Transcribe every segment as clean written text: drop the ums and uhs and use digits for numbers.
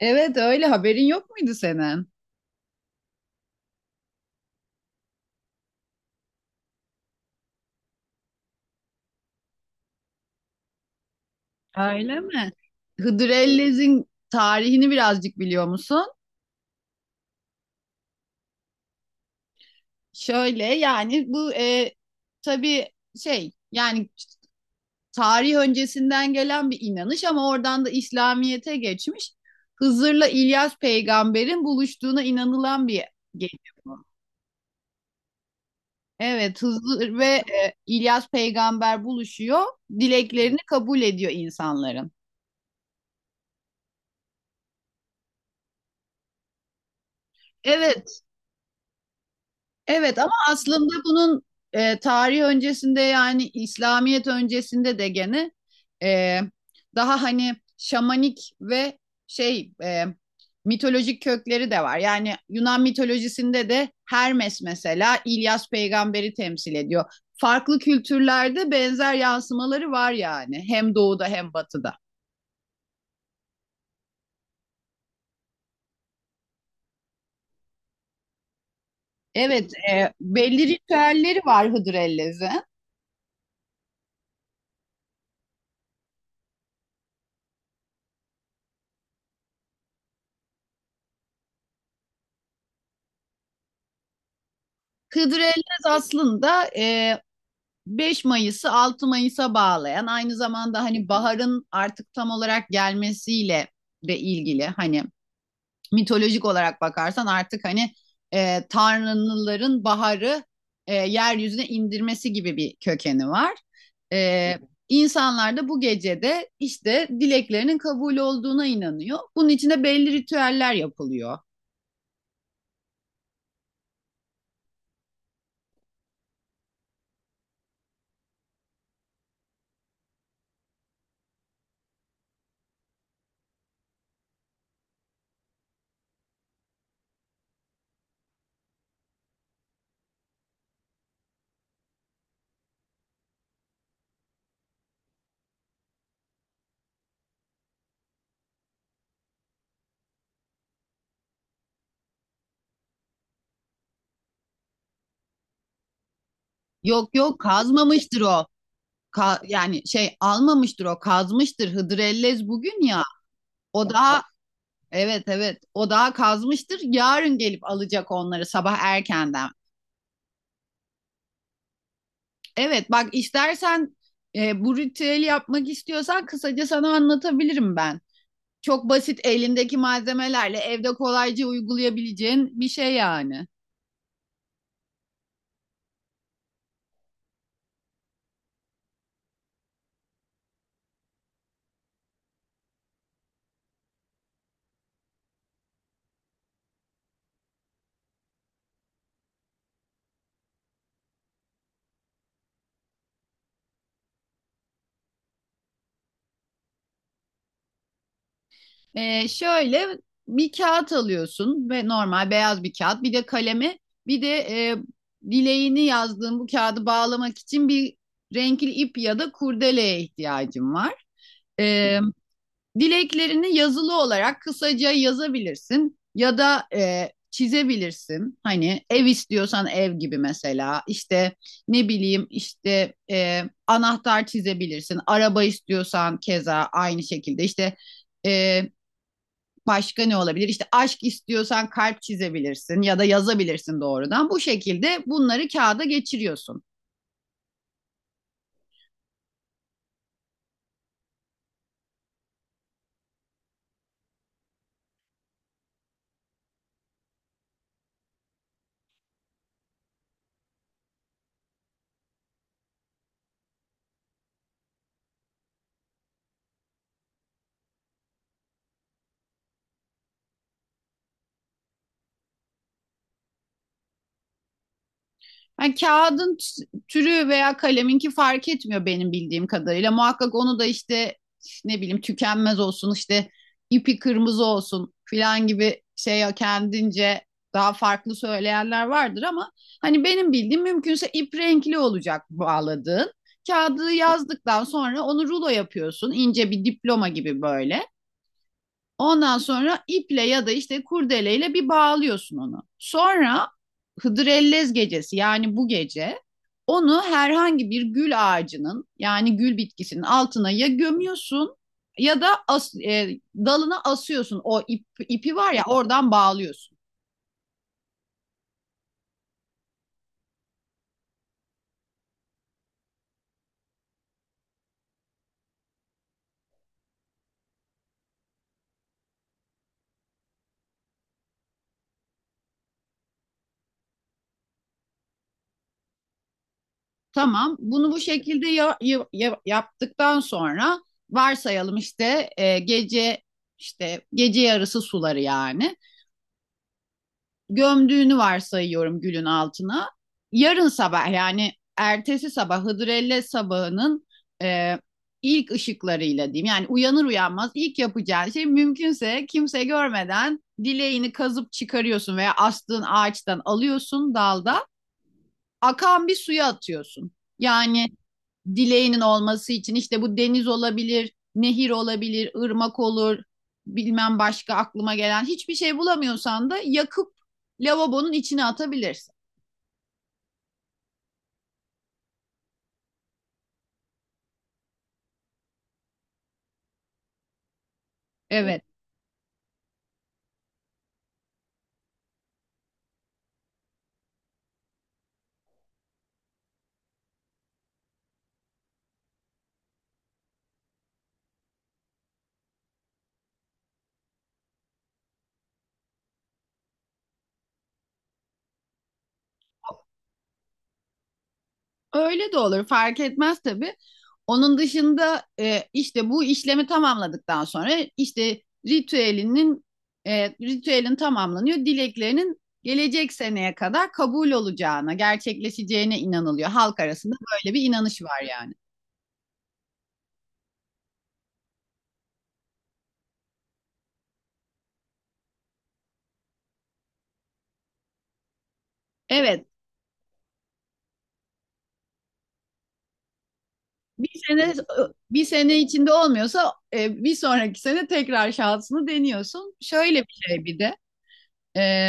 Evet öyle haberin yok muydu senin? Öyle mi? Hıdır Ellez'in tarihini birazcık biliyor musun? Şöyle yani bu tabii şey yani tarih öncesinden gelen bir inanış ama oradan da İslamiyet'e geçmiş. Hızır'la İlyas peygamberin buluştuğuna inanılan bir gece bu. Evet Hızır ve İlyas peygamber buluşuyor. Dileklerini kabul ediyor insanların. Evet Evet, ama aslında bunun tarih öncesinde yani İslamiyet öncesinde de gene e, daha hani şamanik ve şey mitolojik kökleri de var. Yani Yunan mitolojisinde de Hermes mesela İlyas peygamberi temsil ediyor. Farklı kültürlerde benzer yansımaları var yani hem doğuda hem batıda. Evet, belli ritüelleri var Hıdrellez'in. Hıdrellez aslında 5 Mayıs'ı 6 Mayıs'a bağlayan, aynı zamanda hani baharın artık tam olarak gelmesiyle de ilgili. Hani mitolojik olarak bakarsan artık hani tanrıların baharı yeryüzüne indirmesi gibi bir kökeni var. E, insanlar da bu gecede işte dileklerinin kabul olduğuna inanıyor. Bunun için de belli ritüeller yapılıyor. Yok yok, kazmamıştır o. Yani şey, almamıştır o, kazmıştır. Hıdrellez bugün ya. O daha, evet evet, o daha kazmıştır. Yarın gelip alacak onları sabah erkenden. Evet, bak istersen bu ritüeli yapmak istiyorsan kısaca sana anlatabilirim ben. Çok basit, elindeki malzemelerle evde kolayca uygulayabileceğin bir şey yani. Şöyle, bir kağıt alıyorsun ve normal beyaz bir kağıt, bir de kalemi, bir de dileğini yazdığın bu kağıdı bağlamak için bir renkli ip ya da kurdeleye ihtiyacın var. Ee, Dileklerini yazılı olarak kısaca yazabilirsin ya da çizebilirsin. Hani ev istiyorsan ev gibi mesela, işte ne bileyim, işte anahtar çizebilirsin. Araba istiyorsan keza aynı şekilde, işte e, başka ne olabilir? İşte aşk istiyorsan kalp çizebilirsin ya da yazabilirsin doğrudan. Bu şekilde bunları kağıda geçiriyorsun. Yani kağıdın türü veya kaleminki fark etmiyor benim bildiğim kadarıyla. Muhakkak onu da işte ne bileyim, tükenmez olsun işte, ipi kırmızı olsun filan gibi şey, kendince daha farklı söyleyenler vardır ama hani benim bildiğim, mümkünse ip renkli olacak bağladığın. Kağıdı yazdıktan sonra onu rulo yapıyorsun, ince bir diploma gibi böyle. Ondan sonra iple ya da işte kurdeleyle bir bağlıyorsun onu. Sonra Hıdrellez gecesi, yani bu gece, onu herhangi bir gül ağacının yani gül bitkisinin altına ya gömüyorsun ya da dalına asıyorsun. O ip, ipi var ya, oradan bağlıyorsun. Tamam. Bunu bu şekilde yaptıktan sonra, varsayalım işte gece, işte gece yarısı suları yani, gömdüğünü varsayıyorum gülün altına. Yarın sabah, yani ertesi sabah Hıdrellez sabahının e, ilk ışıklarıyla diyeyim. Yani uyanır uyanmaz ilk yapacağın şey, mümkünse kimse görmeden, dileğini kazıp çıkarıyorsun veya astığın ağaçtan alıyorsun dalda, akan bir suya atıyorsun. Yani dileğinin olması için işte, bu deniz olabilir, nehir olabilir, ırmak olur, bilmem, başka aklıma gelen hiçbir şey bulamıyorsan da yakıp lavabonun içine atabilirsin. Evet, öyle de olur, fark etmez tabii. Onun dışında işte bu işlemi tamamladıktan sonra işte ritüelinin ritüelin tamamlanıyor. Dileklerinin gelecek seneye kadar kabul olacağına, gerçekleşeceğine inanılıyor. Halk arasında böyle bir inanış var yani. Evet, Bir sene bir sene içinde olmuyorsa bir sonraki sene tekrar şansını deniyorsun. Şöyle bir şey bir de. e,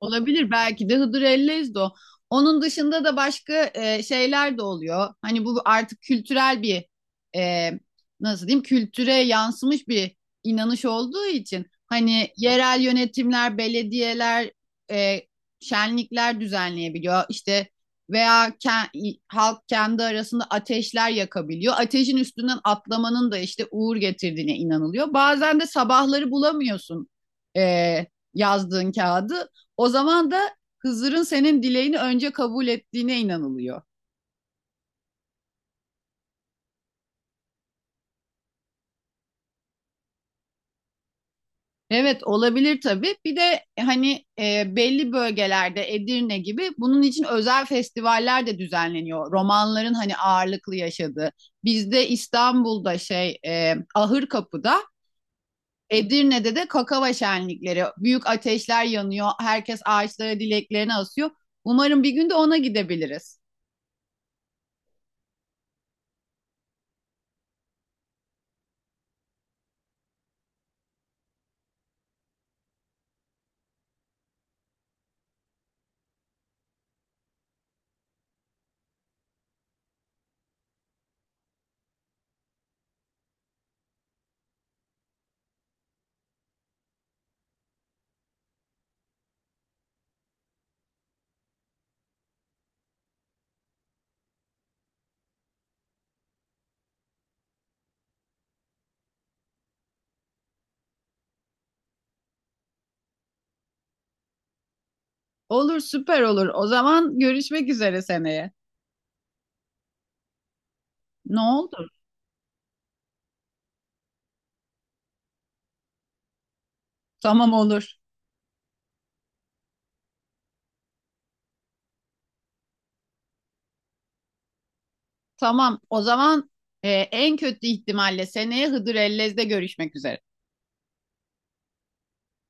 Olabilir, belki de Hıdır Ellezdo. Onun dışında da başka şeyler de oluyor. Hani bu artık kültürel bir e, nasıl diyeyim, kültüre yansımış bir inanış olduğu için hani yerel yönetimler, belediyeler e, şenlikler düzenleyebiliyor. İşte veya halk kendi arasında ateşler yakabiliyor. Ateşin üstünden atlamanın da işte uğur getirdiğine inanılıyor. Bazen de sabahları bulamıyorsun e, yazdığın kağıdı. O zaman da Hızır'ın senin dileğini önce kabul ettiğine inanılıyor. Evet olabilir tabii. Bir de belli bölgelerde Edirne gibi, bunun için özel festivaller de düzenleniyor. Romanların hani ağırlıklı yaşadığı. Bizde İstanbul'da şey Ahırkapı'da, Edirne'de de kakava şenlikleri. Büyük ateşler yanıyor. Herkes ağaçlara dileklerini asıyor. Umarım bir gün de ona gidebiliriz. Olur, süper olur. O zaman görüşmek üzere seneye. Ne oldu? Tamam, olur. Tamam. O zaman en kötü ihtimalle seneye Hıdır Ellez'de görüşmek üzere.